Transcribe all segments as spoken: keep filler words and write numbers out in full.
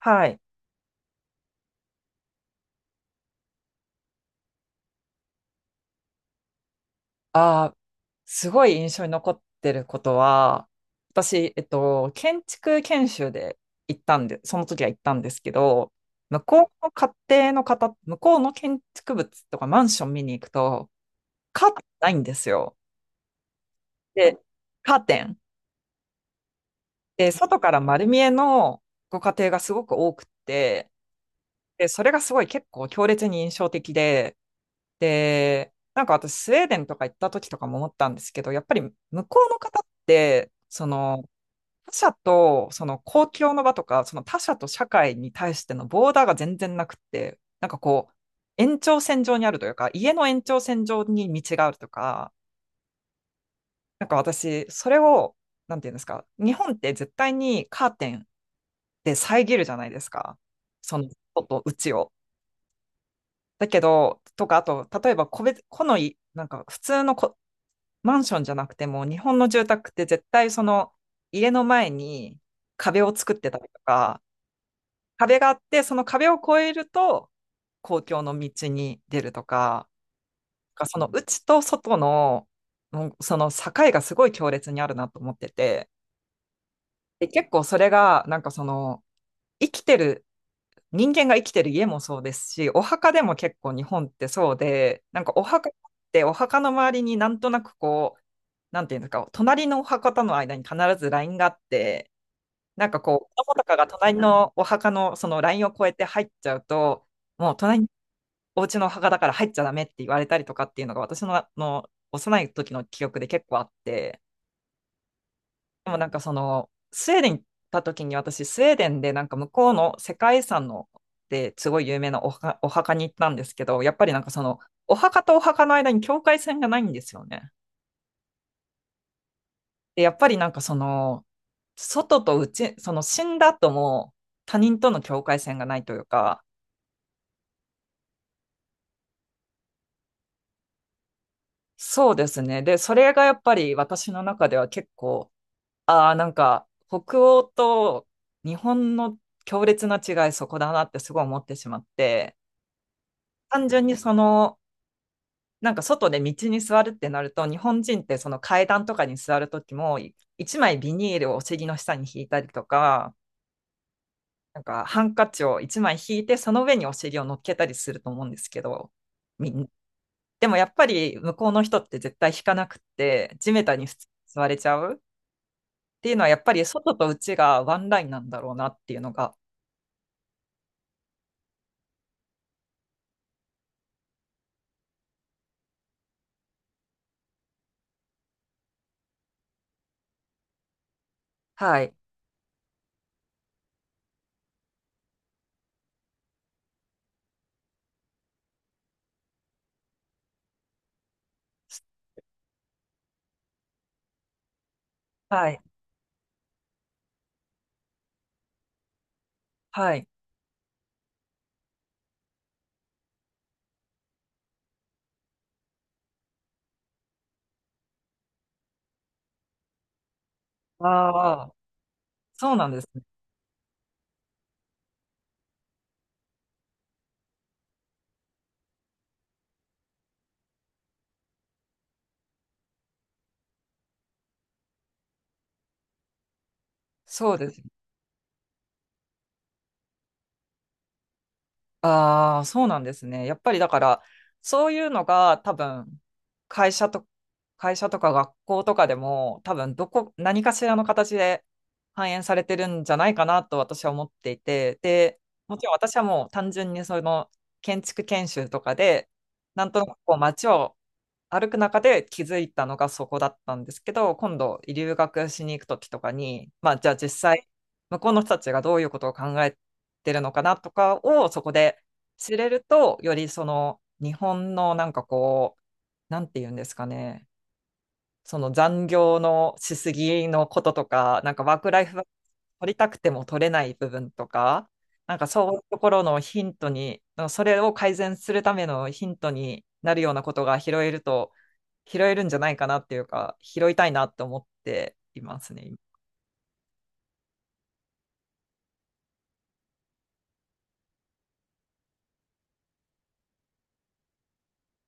はい。あー、すごい印象に残ってることは、私、えっと、建築研修で行ったんで、その時は行ったんですけど、向こうの家庭の方、向こうの建築物とかマンション見に行くと、カーテンないんですよ。で、カーテン。で、外から丸見えのご家庭がすごく多くって、で、それがすごい結構強烈に印象的で、で、なんか私、スウェーデンとか行った時とかも思ったんですけど、やっぱり向こうの方って、その、他者と、その公共の場とか、その他者と社会に対してのボーダーが全然なくって、なんかこう、延長線上にあるというか、家の延長線上に道があるとか、なんか私、それを、なんていうんですか、日本って絶対にカーテンで遮るじゃないですか。その外と内を。だけど、とか、あと、例えば個別、個のい、なんか普通のこマンションじゃなくても、日本の住宅って絶対その家の前に壁を作ってたりとか、壁があって、その壁を越えると公共の道に出るとか、なんかその内と外の、もうその境がすごい強烈にあるなと思ってて、で、結構それが、なんかその、生きてる人間が生きてる家もそうですし、お墓でも結構日本ってそうで、なんかお墓ってお墓の周りになんとなくこう、なんていうんですか、隣のお墓との間に必ずラインがあって、なんかこう、子供とかが隣のお墓のそのラインを越えて入っちゃうと、もう隣のお家のお墓だから入っちゃダメって言われたりとかっていうのが私の、あの幼い時の記憶で結構あって、でもなんかその、スウェーデン行った時に私、スウェーデンでなんか向こうの世界遺産のですごい有名なお墓お墓に行ったんですけど、やっぱりなんかその、お墓とお墓の間に境界線がないんですよね。で、やっぱりなんかその、外と内、その死んだ後も他人との境界線がないというか、そうですね。で、それがやっぱり私の中では結構、ああ、なんか北欧と日本の強烈な違いそこだなってすごい思ってしまって、単純にその、なんか外で道に座るってなると、日本人ってその階段とかに座るときも、い一枚ビニールをお尻の下に引いたりとか、なんかハンカチを一枚引いて、その上にお尻を乗っけたりすると思うんですけど、みんでもやっぱり向こうの人って絶対引かなくって、地べたに普通に座れちゃうっていうのは、やっぱり外と内がワンラインなんだろうなっていうのが、はい、はい、はい。ああ、そうなんですね。そうです。ああ、そうなんですね。やっぱりだから、そういうのが多分、会社と、会社とか学校とかでも、多分、どこ、何かしらの形で反映されてるんじゃないかなと私は思っていて、で、もちろん私はもう単純にその建築研修とかで、なんとなくこう街を歩く中で気づいたのがそこだったんですけど、今度留学しに行く時とかに、まあじゃあ実際向こうの人たちがどういうことを考えてるのかなとかをそこで知れると、よりその日本のなんかこう、なんて言うんですかね、その残業のしすぎのこととか、なんかワークライフバランス取りたくても取れない部分とか、なんかそういうところのヒントに、それを改善するためのヒントになるようなことが拾えると、拾えるんじゃないかなっていうか、拾いたいなと思っていますね。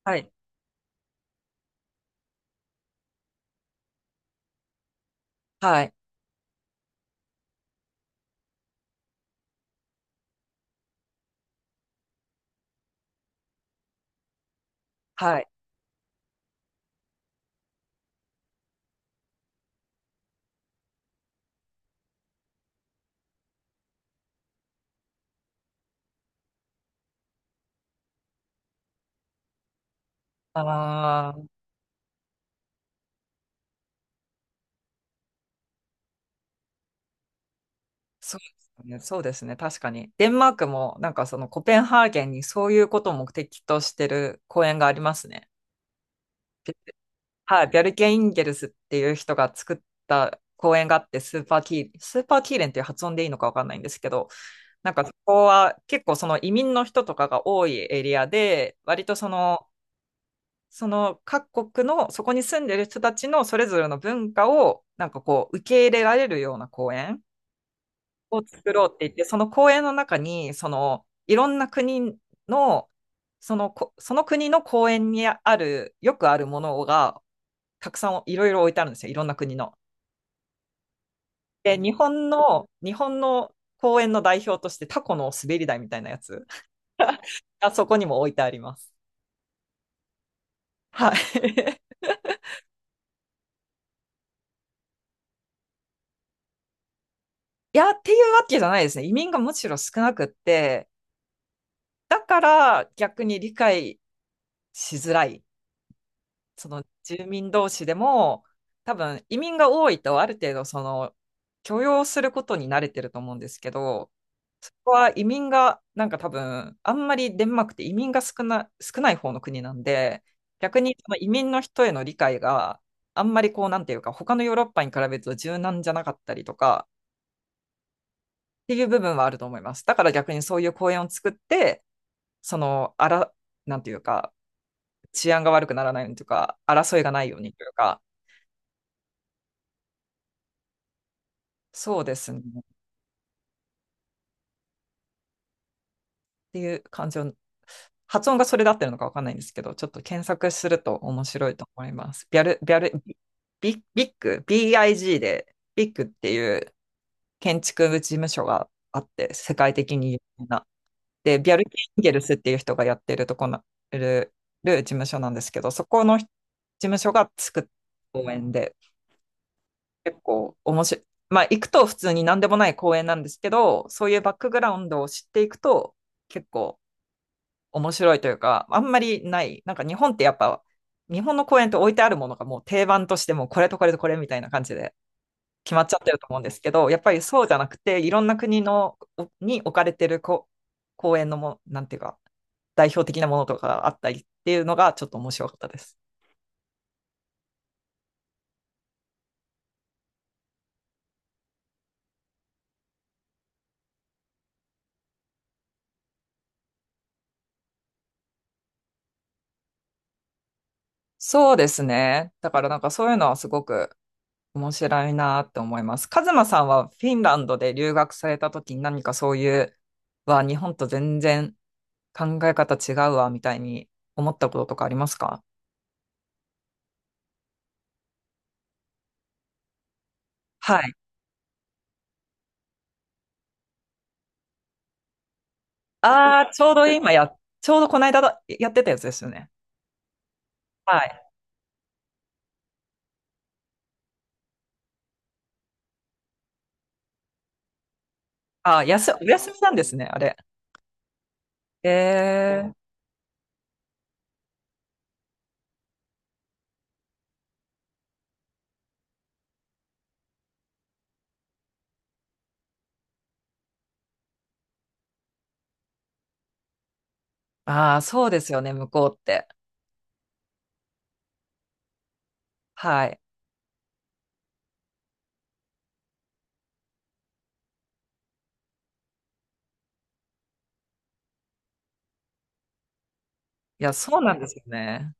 はい。はい。はい。ああ、そうですね。そうですね。確かに。デンマークも、なんかそのコペンハーゲンにそういうことを目的としてる公園がありますね。はい、ビャルケ・インゲルスっていう人が作った公園があって、スーパーキー、スーパーキーレンっていう発音でいいのかわかんないんですけど、なんかそこは結構その移民の人とかが多いエリアで、割とその、その各国の、そこに住んでる人たちのそれぞれの文化を、なんかこう、受け入れられるような公園を作ろうって言って、その公園の中に、その、いろんな国の、そのこ、その国の公園にある、よくあるものがたくさんいろいろ置いてあるんですよ、いろんな国の。で、日本の、日本の公園の代表としてタコの滑り台みたいなやつ がそこにも置いてあります。はい。いや、っていうわけじゃないですね。移民がむしろ少なくって、だから逆に理解しづらい。その住民同士でも、多分移民が多いとある程度その許容することに慣れてると思うんですけど、そこは移民が、なんか多分、あんまりデンマークって移民が少な、少ない方の国なんで、逆にその移民の人への理解があんまりこう、なんていうか、他のヨーロッパに比べると柔軟じゃなかったりとかっていう部分はあると思います。だから逆にそういう公園を作って、その、あら、なんていうか、治安が悪くならないようにというか、争いがないようにというか、そうですね。っていう感じを発音がそれで合ってるのかわかんないんですけど、ちょっと検索すると面白いと思います。ビャル、ビャル、ビビビッグ、ビッグ で、ビッグっていう建築事務所があって、世界的に有名な。で、ビャル・キンゲルスっていう人がやってるとこなる、る事務所なんですけど、そこの事務所が作った公園で、結構面白い。まあ、行くと普通に何でもない公園なんですけど、そういうバックグラウンドを知っていくと、結構面白いというか、あんまりない。なんか日本ってやっぱ、日本の公園って置いてあるものがもう定番としてもうこれとこれとこれみたいな感じで決まっちゃってると思うんですけど、やっぱりそうじゃなくて、いろんな国のおに置かれてるこ公園のも、なんていうか、代表的なものとかがあったりっていうのがちょっと面白かったです。そうですね。だからなんかそういうのはすごく面白いなって思います。カズマさんはフィンランドで留学された時に何かそういう、は日本と全然考え方違うわ、みたいに思ったこととかありますか？はい。ああ、ちょうど今や、ちょうどこの間だやってたやつですよね。はい。ああ、やす、お休みなんですね、あれ。ええ。ああ、そうですよね、向こうって。はい。いや、そうなんですよね。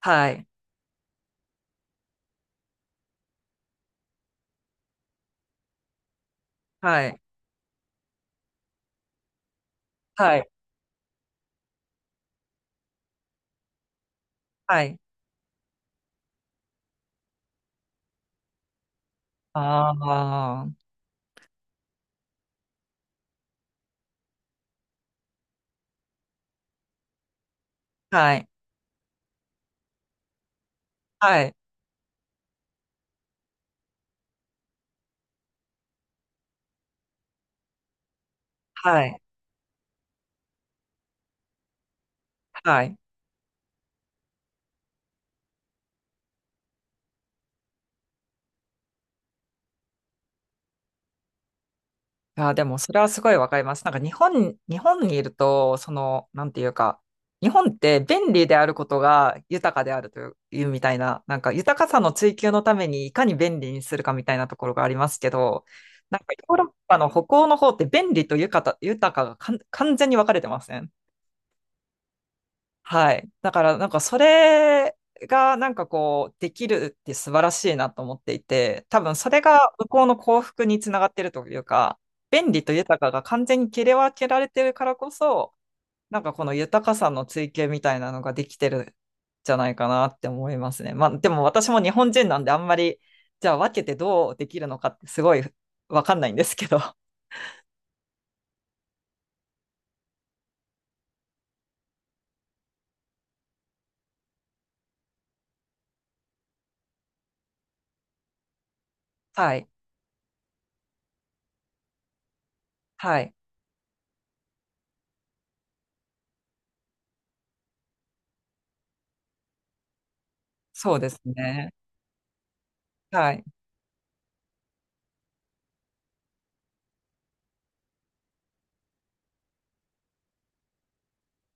はい。はい。はい。はい。ああ、はい。はい。はい。はい。あー、でもそれはすごいわかります。なんか日本、日本にいると、その、なんていうか、日本って便利であることが豊かであるという、いうみたいな、なんか豊かさの追求のためにいかに便利にするかみたいなところがありますけど、なんかヨーロッパの北欧の方って便利と豊か、豊かがかん完全に分かれてません？はい。だから、なんかそれが、なんかこう、できるって素晴らしいなと思っていて、多分それが向こうの幸福につながってるというか、便利と豊かが完全に切り分けられてるからこそ、なんかこの豊かさの追求みたいなのができてるんじゃないかなって思いますね。まあ、でも私も日本人なんであんまり、じゃあ分けてどうできるのかってすごいわかんないんですけど。はい。はい。そうですね。はい。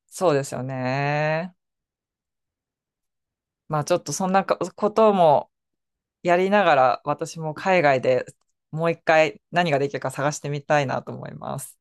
そうですよね。まあちょっとそんなかこともやりながら私も海外でもう一回何ができるか探してみたいなと思います。